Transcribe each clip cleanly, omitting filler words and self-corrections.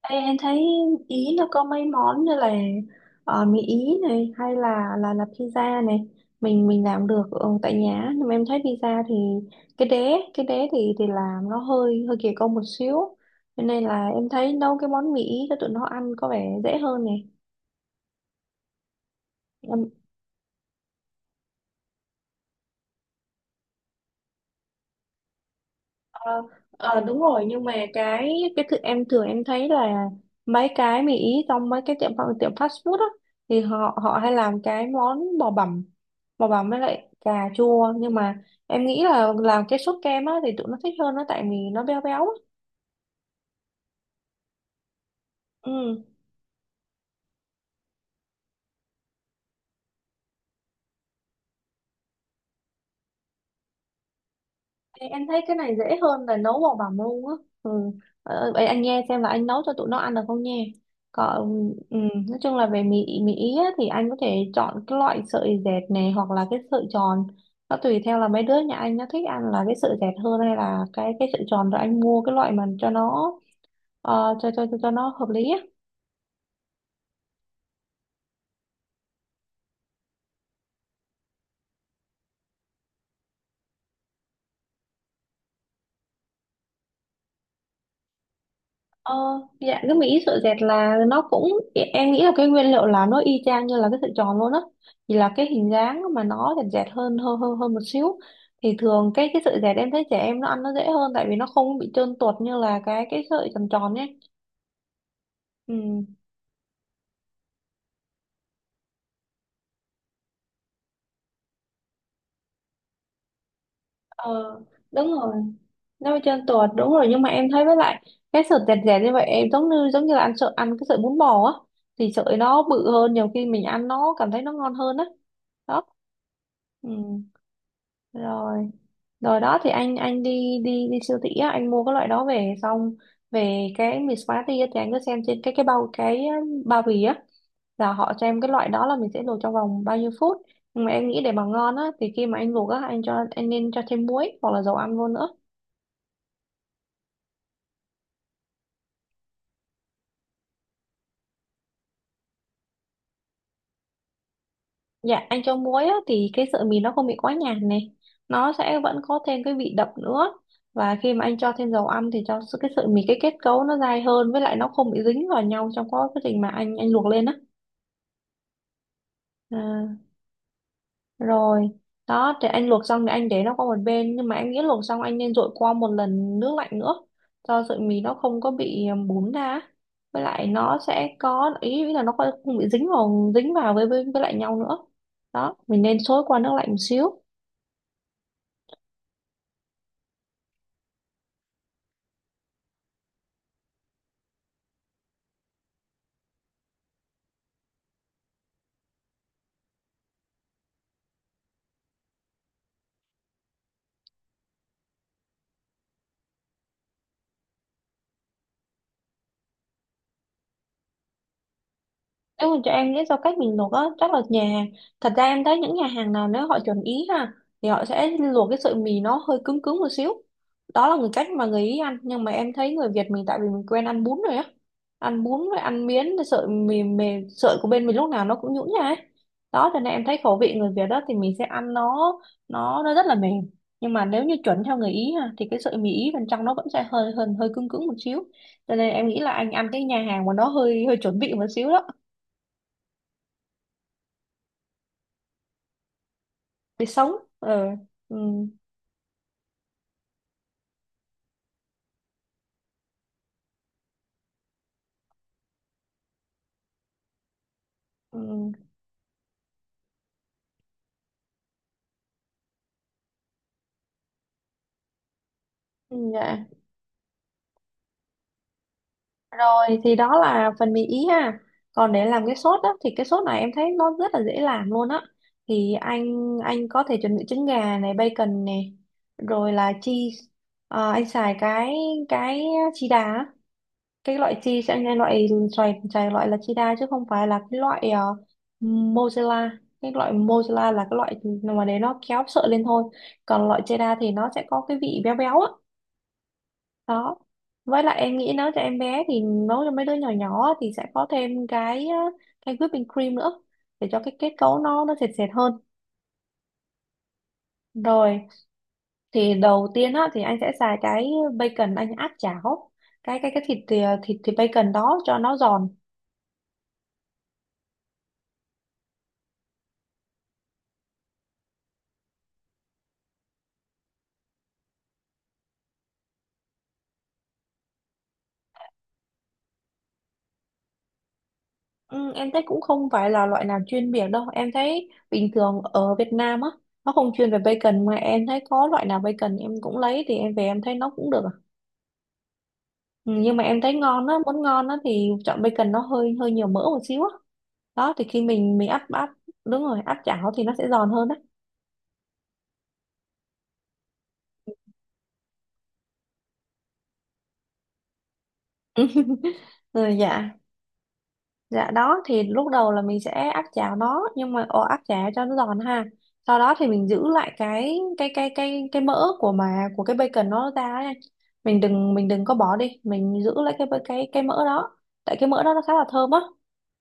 Ê, em thấy Ý nó có mấy món như là mì Ý này hay là pizza này, mình làm được tại nhà. Nhưng mà em thấy pizza thì cái đế thì làm nó hơi hơi kỳ công một xíu, cho nên là em thấy nấu cái món mì Ý cho tụi nó ăn có vẻ dễ hơn này. Ờ, Đúng rồi, nhưng mà cái thực em thường em thấy là mấy cái mì ý trong mấy cái tiệm tiệm fast food á, thì họ họ hay làm cái món bò bằm, bò bằm với lại cà chua. Nhưng mà em nghĩ là làm cái sốt kem á thì tụi nó thích hơn nó, tại vì nó béo béo á. Ừ. Ê, em thấy cái này dễ hơn là nấu bằng bảng luôn á. Ừ. Ờ, vậy anh nghe xem là anh nấu cho tụi nó ăn được không nha. Còn nói chung là về mì mì ý á, thì anh có thể chọn cái loại sợi dẹt này hoặc là cái sợi tròn. Nó tùy theo là mấy đứa nhà anh nó thích ăn là cái sợi dẹt hơn hay là cái sợi tròn, rồi anh mua cái loại mà cho nó cho nó hợp lý á. Ờ, dạ, cái mỹ sợi dẹt là nó cũng, dạ, em nghĩ là cái nguyên liệu là nó y chang như là cái sợi tròn luôn á, chỉ là cái hình dáng mà nó dẹt dẹt hơn hơn hơn hơn một xíu. Thì thường cái sợi dẹt em thấy trẻ em nó ăn nó dễ hơn, tại vì nó không bị trơn tuột như là cái sợi tròn tròn nhé. Ừ. Ờ, đúng rồi, nó bị trơn tuột, đúng rồi. Nhưng mà em thấy với lại cái sợi dẹt dẹt như vậy em giống như là ăn sợi, ăn cái sợi bún bò á, thì sợi nó bự hơn, nhiều khi mình ăn nó cảm thấy nó ngon hơn á. Đó. Ừ. Rồi. Rồi đó thì anh đi đi đi siêu thị á, anh mua cái loại đó về xong. Về cái mì Smarty á, thì anh cứ xem trên cái bao, cái bao bì á, là họ cho em cái loại đó là mình sẽ luộc trong vòng bao nhiêu phút. Nhưng mà em nghĩ để mà ngon á thì khi mà anh luộc á, anh cho, anh nên cho thêm muối hoặc là dầu ăn vô nữa. Dạ, anh cho muối á thì cái sợi mì nó không bị quá nhạt này, nó sẽ vẫn có thêm cái vị đậm nữa. Và khi mà anh cho thêm dầu ăn thì cái sợi mì cái kết cấu nó dai hơn, với lại nó không bị dính vào nhau trong quá trình mà anh luộc lên á. À, rồi đó thì anh luộc xong thì anh để nó qua một bên, nhưng mà anh nghĩ luộc xong anh nên dội qua một lần nước lạnh nữa cho sợi mì nó không có bị bún ra á. Với lại nó sẽ có ý ý là nó không không bị dính vào, dính vào với lại nhau nữa. Đó, mình nên xối qua nước lạnh một xíu. Nếu mà cho em lý do cách mình luộc á, chắc là nhà, thật ra em thấy những nhà hàng nào nếu họ chuẩn ý ha, thì họ sẽ luộc cái sợi mì nó hơi cứng cứng một xíu. Đó là người cách mà người Ý ăn. Nhưng mà em thấy người Việt mình tại vì mình quen ăn bún rồi á. Ăn bún rồi ăn miến, cái sợi mì, mì sợi của bên mình lúc nào nó cũng nhũn ra ấy. Đó cho nên em thấy khẩu vị người Việt đó thì mình sẽ ăn nó, nó rất là mềm. Nhưng mà nếu như chuẩn theo người Ý ha, thì cái sợi mì Ý bên trong nó vẫn sẽ hơi hơi hơi cứng cứng một xíu. Cho nên em nghĩ là anh ăn cái nhà hàng mà nó hơi hơi chuẩn bị một xíu đó, để sống. Ừ. Ừ. Ừ. Ừ, dạ. Rồi thì đó là phần mì ý ha. Còn để làm cái sốt á thì cái sốt này em thấy nó rất là dễ làm luôn á. Thì anh có thể chuẩn bị trứng gà này, bacon này, rồi là cheese. Ờ, anh xài cái cheddar á. Cái loại cheese anh loại, xài xài loại là cheddar chứ không phải là cái loại mozzarella. Cái loại mozzarella là cái loại mà để nó kéo sợi lên thôi, còn loại cheddar thì nó sẽ có cái vị béo béo á. Đó. Với lại em nghĩ nấu cho em bé thì nấu cho mấy đứa nhỏ nhỏ thì sẽ có thêm cái whipping cream nữa để cho cái kết cấu nó sệt sệt hơn. Rồi thì đầu tiên á thì anh sẽ xài cái bacon, anh áp chảo cái thịt à, thịt thịt bacon đó cho nó giòn. Ừ, em thấy cũng không phải là loại nào chuyên biệt đâu, em thấy bình thường ở Việt Nam á nó không chuyên về bacon, mà em thấy có loại nào bacon em cũng lấy, thì em về em thấy nó cũng được. Ừ, nhưng mà em thấy ngon á, muốn ngon á thì chọn bacon nó hơi hơi nhiều mỡ một xíu á. Đó thì khi mình áp áp, đúng rồi, áp chảo thì nó sẽ giòn hơn á. Ừ, dạ. Dạ đó thì lúc đầu là mình sẽ áp chảo nó, nhưng mà ồ, áp chảo cho nó giòn ha. Sau đó thì mình giữ lại cái mỡ của mà của cái bacon nó ra ấy, anh. Mình đừng có bỏ đi, mình giữ lại cái mỡ đó. Tại cái mỡ đó nó khá là thơm á.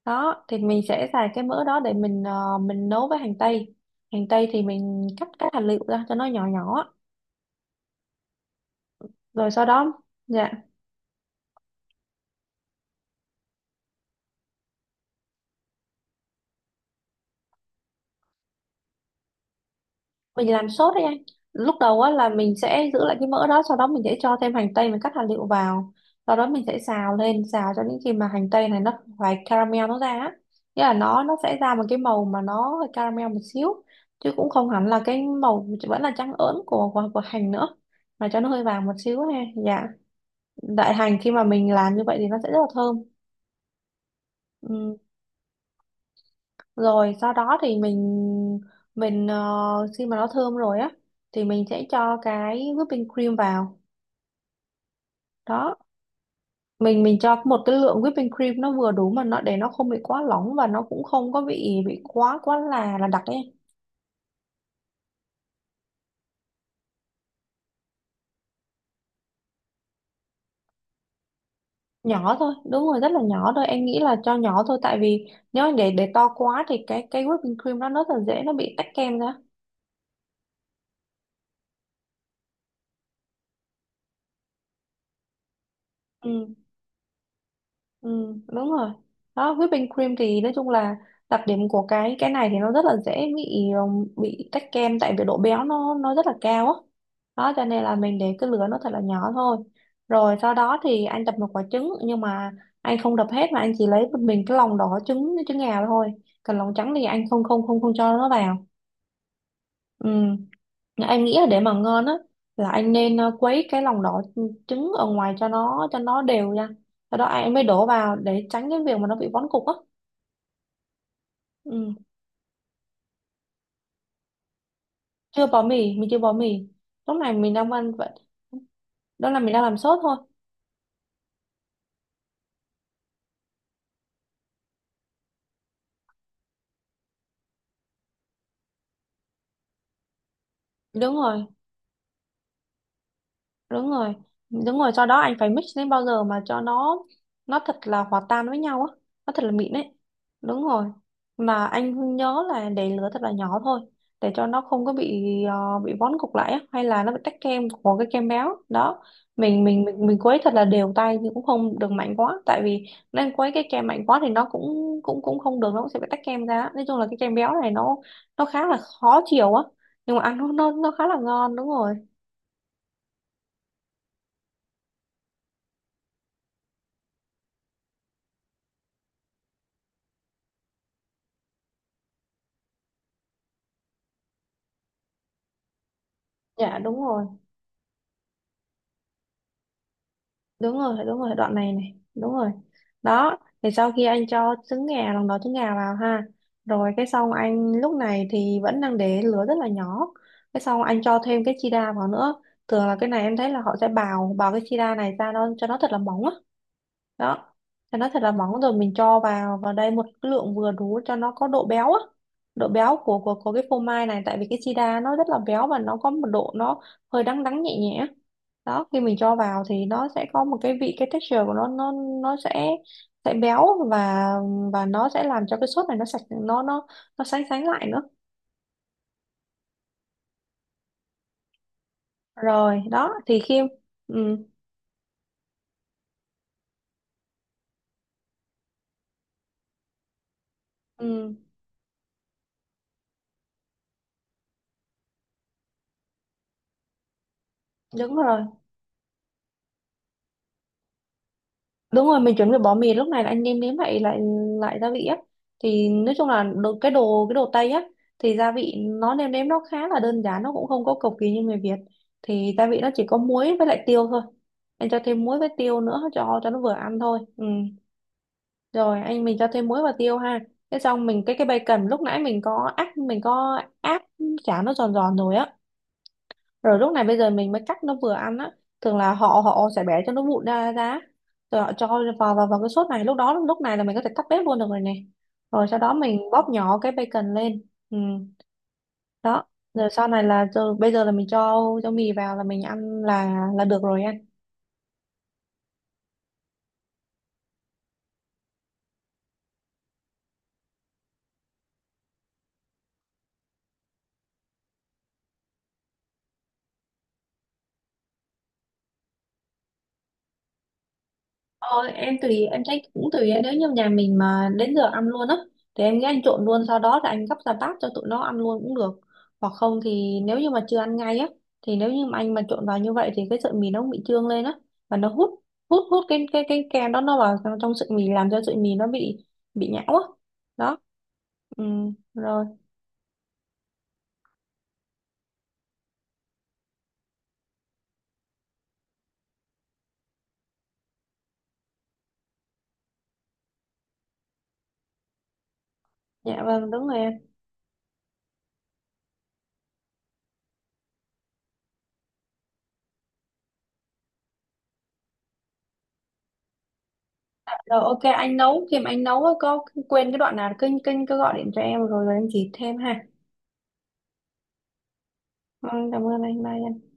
Đó, thì mình sẽ xài cái mỡ đó để mình nấu với hành tây. Hành tây thì mình cắt các hạt lựu ra cho nó nhỏ nhỏ, rồi sau đó, dạ, mình làm sốt đấy anh. Lúc đầu á là mình sẽ giữ lại cái mỡ đó, sau đó mình sẽ cho thêm hành tây, mình cắt hạt liệu vào. Sau đó mình sẽ xào lên, xào cho đến khi mà hành tây này nó phải caramel nó ra á, nghĩa là nó sẽ ra một cái màu mà nó hơi caramel một xíu, chứ cũng không hẳn là cái màu vẫn là trắng ớn của hành nữa, mà cho nó hơi vàng một xíu ha. Dạ, đại hành khi mà mình làm như vậy thì nó sẽ rất là thơm. Rồi sau đó thì mình, khi mà nó thơm rồi á thì mình sẽ cho cái whipping cream vào. Đó, mình cho một cái lượng whipping cream nó vừa đủ mà nó, để nó không bị quá lỏng và nó cũng không có bị quá quá là đặc ấy. Nhỏ thôi, đúng rồi, rất là nhỏ thôi, em nghĩ là cho nhỏ thôi, tại vì nếu để to quá thì cái whipping cream nó rất là dễ nó bị tách kem ra. Ừ. Ừ, đúng rồi. Đó, whipping cream thì nói chung là đặc điểm của cái này thì nó rất là dễ bị tách kem, tại vì độ béo nó rất là cao á. Đó cho nên là mình để cái lửa nó thật là nhỏ thôi. Rồi sau đó thì anh đập một quả trứng, nhưng mà anh không đập hết mà anh chỉ lấy một mình cái lòng đỏ trứng trứng gà thôi. Còn lòng trắng thì anh không không không không cho nó vào. Ừ. Em nghĩ là để mà ngon á là anh nên quấy cái lòng đỏ trứng ở ngoài cho nó đều nha. Sau đó anh mới đổ vào để tránh cái việc mà nó bị vón cục á. Ừ. Chưa bỏ mì, mình chưa bỏ mì. Lúc này mình đang ăn vậy. Đó là mình đang làm sốt thôi. Đúng rồi. Đúng rồi, đúng rồi, sau đó anh phải mix đến bao giờ mà cho nó thật là hòa tan với nhau á, nó thật là mịn ấy. Đúng rồi. Mà anh nhớ là để lửa thật là nhỏ thôi, để cho nó không có bị bị vón cục lại á, hay là nó bị tách kem của cái kem béo đó. Mình quấy thật là đều tay nhưng cũng không được mạnh quá, tại vì nên quấy cái kem mạnh quá thì nó cũng cũng cũng không được, nó cũng sẽ bị tách kem ra á. Nói chung là cái kem béo này nó khá là khó chịu á, nhưng mà ăn nó khá là ngon. Đúng rồi. Dạ đúng rồi, đúng rồi, đoạn này này, đúng rồi. Đó thì sau khi anh cho trứng gà, lòng đỏ trứng gà vào ha, rồi cái xong anh lúc này thì vẫn đang để lửa rất là nhỏ, cái xong anh cho thêm cái chi đa vào nữa. Thường là cái này em thấy là họ sẽ bào bào cái chi đa này ra, nó cho nó thật là mỏng á. Đó, cho nó thật là mỏng, rồi mình cho vào vào đây một cái lượng vừa đủ cho nó có độ béo á, độ béo của của cái phô mai này. Tại vì cái sida nó rất là béo, và nó có một độ nó hơi đắng đắng nhẹ nhẹ. Đó, khi mình cho vào thì nó sẽ có một cái vị, cái texture của nó, nó sẽ béo, và nó sẽ làm cho cái sốt này nó sạch, nó sánh sánh lại nữa. Rồi đó thì khi ừ, ừ, đúng rồi, đúng rồi, mình chuẩn bị bỏ mì. Lúc này là anh nêm nếm lại lại lại gia vị á. Thì nói chung là cái đồ cái đồ Tây á, thì gia vị nó nêm nếm nó khá là đơn giản, nó cũng không có cầu kỳ như người Việt. Thì gia vị nó chỉ có muối với lại tiêu thôi. Em cho thêm muối với tiêu nữa cho nó vừa ăn thôi. Ừ. Rồi anh mình cho thêm muối và tiêu ha, thế xong mình cái bacon lúc nãy mình có áp, chả nó giòn giòn rồi á. Rồi lúc này bây giờ mình mới cắt nó vừa ăn á. Thường là họ họ sẽ bẻ cho nó vụn ra ra, rồi họ cho vào vào vào cái sốt này. Lúc đó, lúc này là mình có thể tắt bếp luôn được rồi nè. Rồi sau đó mình bóp nhỏ cái bacon lên. Ừ. Đó, rồi sau này là rồi bây giờ là mình cho mì vào là mình ăn là được rồi anh. Ờ, em tùy, em thấy cũng tùy, nếu như nhà mình mà đến giờ ăn luôn á, thì em nghĩ anh trộn luôn, sau đó là anh gấp ra bát cho tụi nó ăn luôn cũng được. Hoặc không thì nếu như mà chưa ăn ngay á, thì nếu như mà anh mà trộn vào như vậy thì cái sợi mì nó cũng bị trương lên á, và nó hút hút hút cái cái kem đó nó vào trong, trong sợi mì, làm cho sợi mì nó bị nhão á. Đó. Ừ, rồi. Dạ vâng, đúng rồi em. Rồi ok, anh nấu, khi mà anh nấu á, có quên cái đoạn nào cứ gọi điện cho em, rồi rồi em chỉ thêm ha. Vâng, cảm ơn anh, bye.